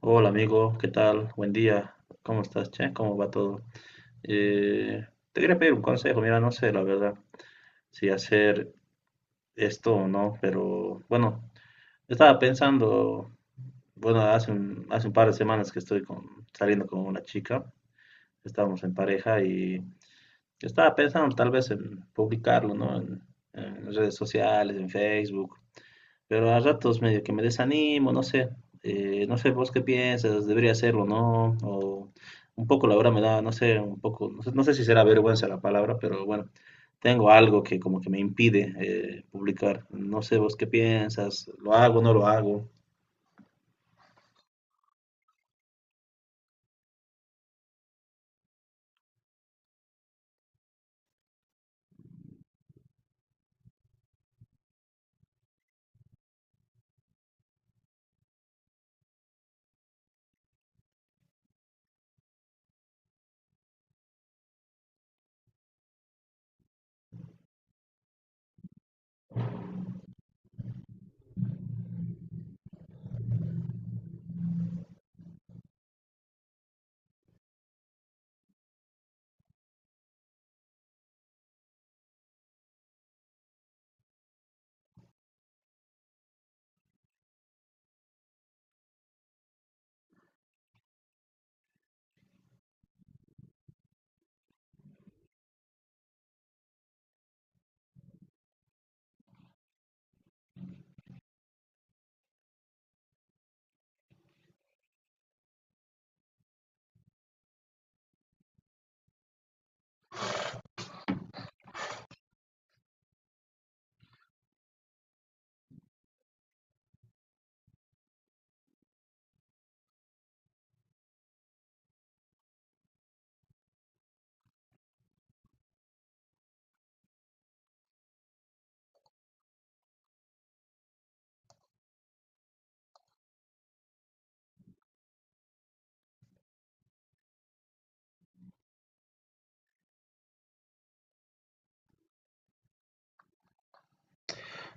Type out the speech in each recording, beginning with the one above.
Hola amigo, ¿qué tal? Buen día. ¿Cómo estás, che? ¿Cómo va todo? Te quería pedir un consejo. Mira, no sé la verdad si hacer esto o no, pero bueno, estaba pensando, bueno, hace un par de semanas que saliendo con una chica, estábamos en pareja y estaba pensando tal vez en publicarlo, ¿no? En redes sociales, en Facebook, pero a ratos medio que me desanimo, no sé, no sé vos qué piensas, debería hacerlo, ¿no? O un poco la verdad me da, no sé, un poco, no sé, no sé si será vergüenza la palabra, pero bueno, tengo algo que como que me impide publicar, no sé vos qué piensas, lo hago, no lo hago.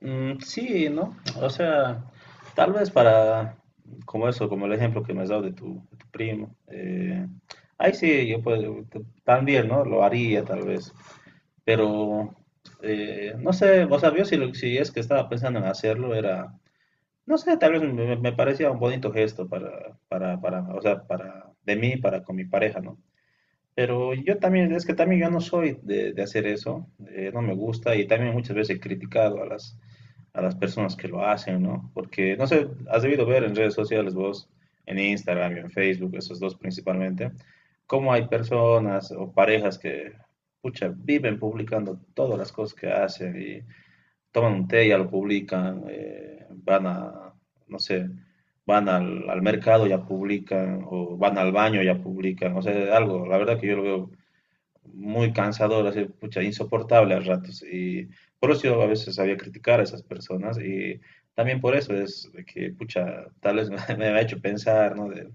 Mm, sí, ¿no? O sea, tal vez para, como eso, como el ejemplo que me has dado de de tu primo, ahí sí, yo puedo, también, ¿no? Lo haría tal vez, pero no sé, o sea, yo si, si es que estaba pensando en hacerlo, era, no sé, tal vez me parecía un bonito gesto para, o sea, para, de mí, para con mi pareja, ¿no? Pero yo también, es que también yo no soy de hacer eso, no me gusta y también muchas veces he criticado a a las personas que lo hacen, ¿no? Porque, no sé, has debido ver en redes sociales vos, en Instagram y en Facebook, esos dos principalmente, cómo hay personas o parejas que, pucha, viven publicando todas las cosas que hacen y toman un té y ya lo publican, van a, no sé, van al mercado y ya publican, o van al baño y ya publican, o sea, algo, la verdad que yo lo veo muy cansador, así, pucha, insoportable a ratos. Y por eso yo a veces sabía criticar a esas personas y también por eso es de que, pucha, tal vez me, ha hecho pensar, ¿no? De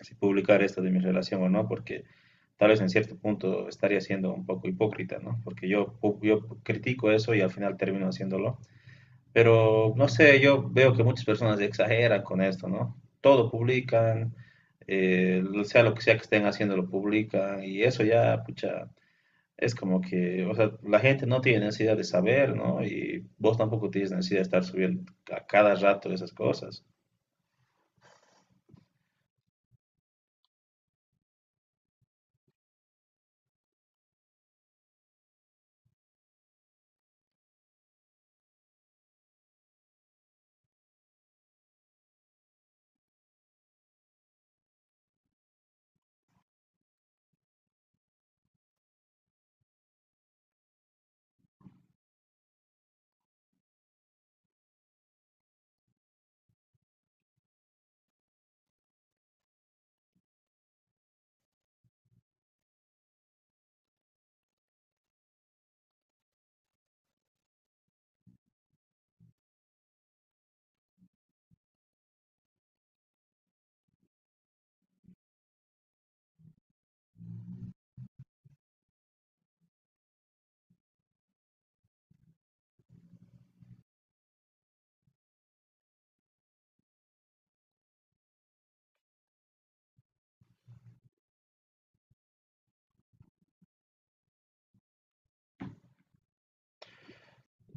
si publicar esto de mi relación o no, porque tal vez en cierto punto estaría siendo un poco hipócrita, ¿no? Porque yo, yo critico eso y al final termino haciéndolo. Pero no sé, yo veo que muchas personas exageran con esto, ¿no? Todo publican, sea lo que sea que estén haciendo lo publican y eso ya, pucha es como que, o sea, la gente no tiene necesidad de saber, ¿no? Y vos tampoco tienes necesidad de estar subiendo a cada rato esas cosas.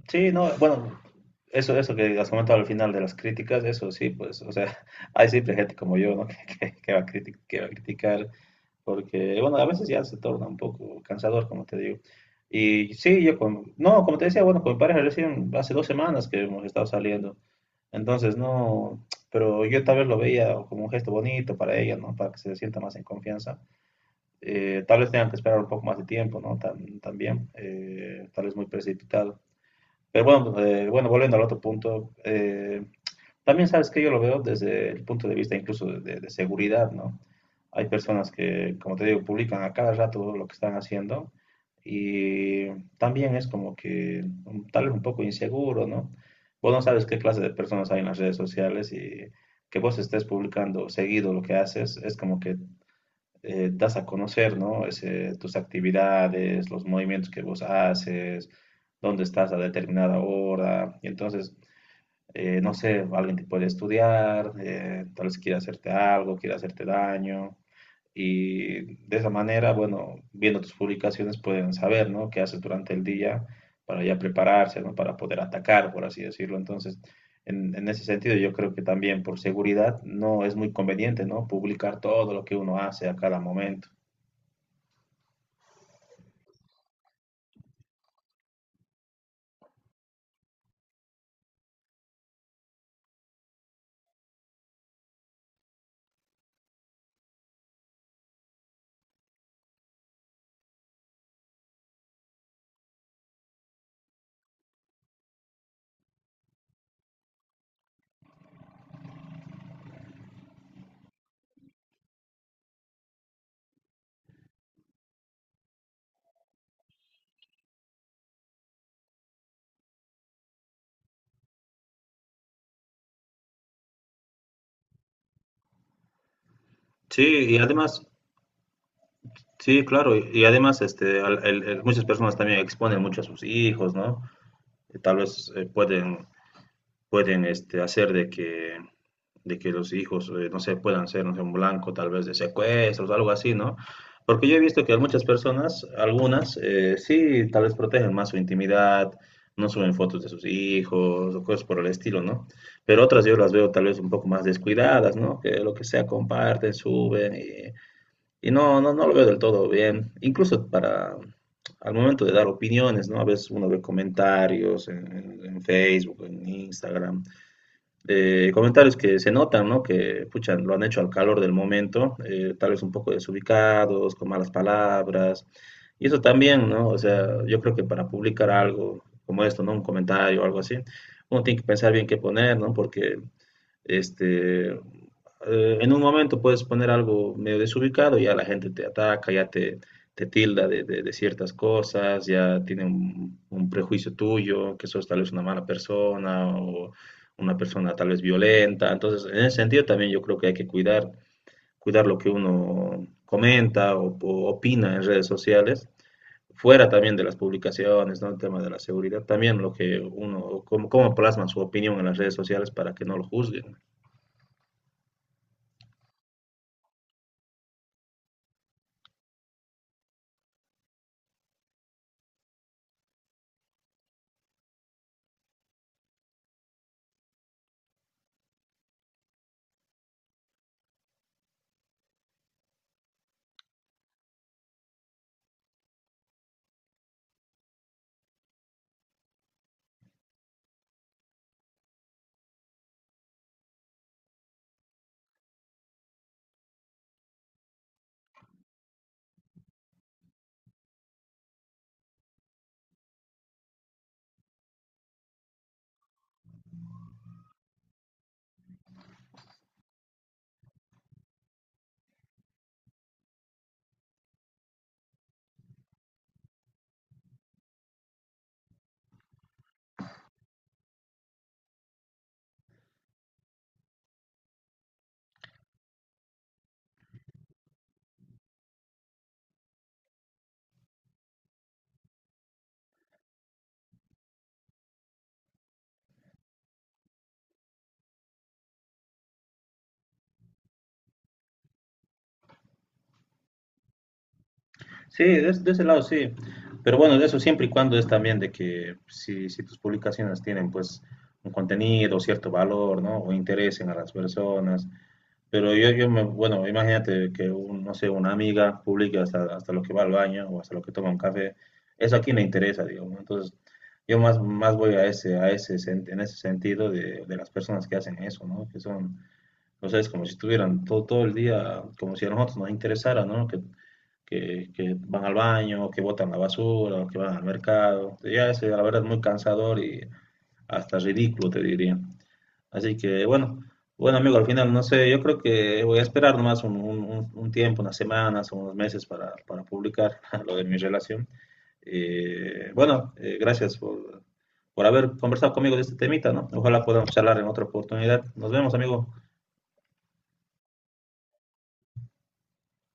Sí, no, bueno, eso que has comentado al final de las críticas, eso sí, pues, o sea, hay siempre gente como yo, ¿no? Que va a que va a criticar, porque, bueno, a veces ya se torna un poco cansador, como te digo. Y sí, yo, con, no, como te decía, bueno, con mi pareja recién hace dos semanas que hemos estado saliendo. Entonces, no, pero yo tal vez lo veía como un gesto bonito para ella, ¿no? Para que se sienta más en confianza. Tal vez tengan que esperar un poco más de tiempo, ¿no? También, tal vez muy precipitado. Pero bueno, bueno, volviendo al otro punto, también sabes que yo lo veo desde el punto de vista incluso de, de seguridad, ¿no? Hay personas que, como te digo, publican a cada rato lo que están haciendo y también es como que tal vez un poco inseguro, ¿no? Vos no sabes qué clase de personas hay en las redes sociales y que vos estés publicando seguido lo que haces es como que das a conocer, ¿no? Tus actividades, los movimientos que vos haces, dónde estás a determinada hora y entonces no sé, alguien te puede estudiar, tal vez quiera hacerte algo, quiera hacerte daño. Y de esa manera, bueno, viendo tus publicaciones pueden saber, ¿no? Qué haces durante el día para ya prepararse, ¿no? Para poder atacar, por así decirlo. Entonces, en ese sentido, yo creo que también por seguridad no es muy conveniente, ¿no? Publicar todo lo que uno hace a cada momento. Sí, y además, sí, claro, y además este, muchas personas también exponen mucho a sus hijos, ¿no? Y tal vez pueden este, hacer de que los hijos, no sé, puedan ser no sé, un blanco tal vez de secuestros, algo así, ¿no? Porque yo he visto que muchas personas, algunas, sí, tal vez protegen más su intimidad, no suben fotos de sus hijos o cosas por el estilo, ¿no? Pero otras yo las veo tal vez un poco más descuidadas, ¿no? Que lo que sea comparten, suben y no, no, no lo veo del todo bien. Incluso para, al momento de dar opiniones, ¿no? A veces uno ve comentarios en, en Facebook, en Instagram, comentarios que se notan, ¿no? Que, pucha, lo han hecho al calor del momento, tal vez un poco desubicados, con malas palabras, y eso también, ¿no? O sea, yo creo que para publicar algo como esto, ¿no? Un comentario o algo así, uno tiene que pensar bien qué poner, ¿no? Porque este, en un momento puedes poner algo medio desubicado y ya la gente te ataca, ya te tilda de, de ciertas cosas, ya tiene un prejuicio tuyo, que sos tal vez una mala persona o una persona tal vez violenta. Entonces, en ese sentido también yo creo que hay que cuidar, cuidar lo que uno comenta o opina en redes sociales, fuera también de las publicaciones, ¿no? El tema de la seguridad, también lo que uno, cómo, cómo plasman su opinión en las redes sociales para que no lo juzguen. Sí, de, de ese lado sí. Pero bueno, eso siempre y cuando es también de que si, si tus publicaciones tienen pues un contenido, cierto valor, ¿no? O interesen a las personas. Pero yo me, bueno, imagínate que, no sé, una amiga publique hasta, hasta lo que va al baño o hasta lo que toma un café. Eso a quién le interesa, digamos, ¿no? Entonces, yo más, más voy a ese, en ese sentido de las personas que hacen eso, ¿no? Que son o sea, es como si estuvieran todo, todo el día, como si a nosotros nos interesara, ¿no? Que, que van al baño, que botan la basura, o que van al mercado. Ya es, la verdad, muy cansador y hasta ridículo, te diría. Así que, bueno, bueno, amigo, al final, no sé, yo creo que voy a esperar nomás un, un tiempo, unas semanas o unos meses para publicar lo de mi relación. Bueno, gracias por haber conversado conmigo de este temita, ¿no? Ojalá podamos charlar en otra oportunidad. Nos vemos, amigo.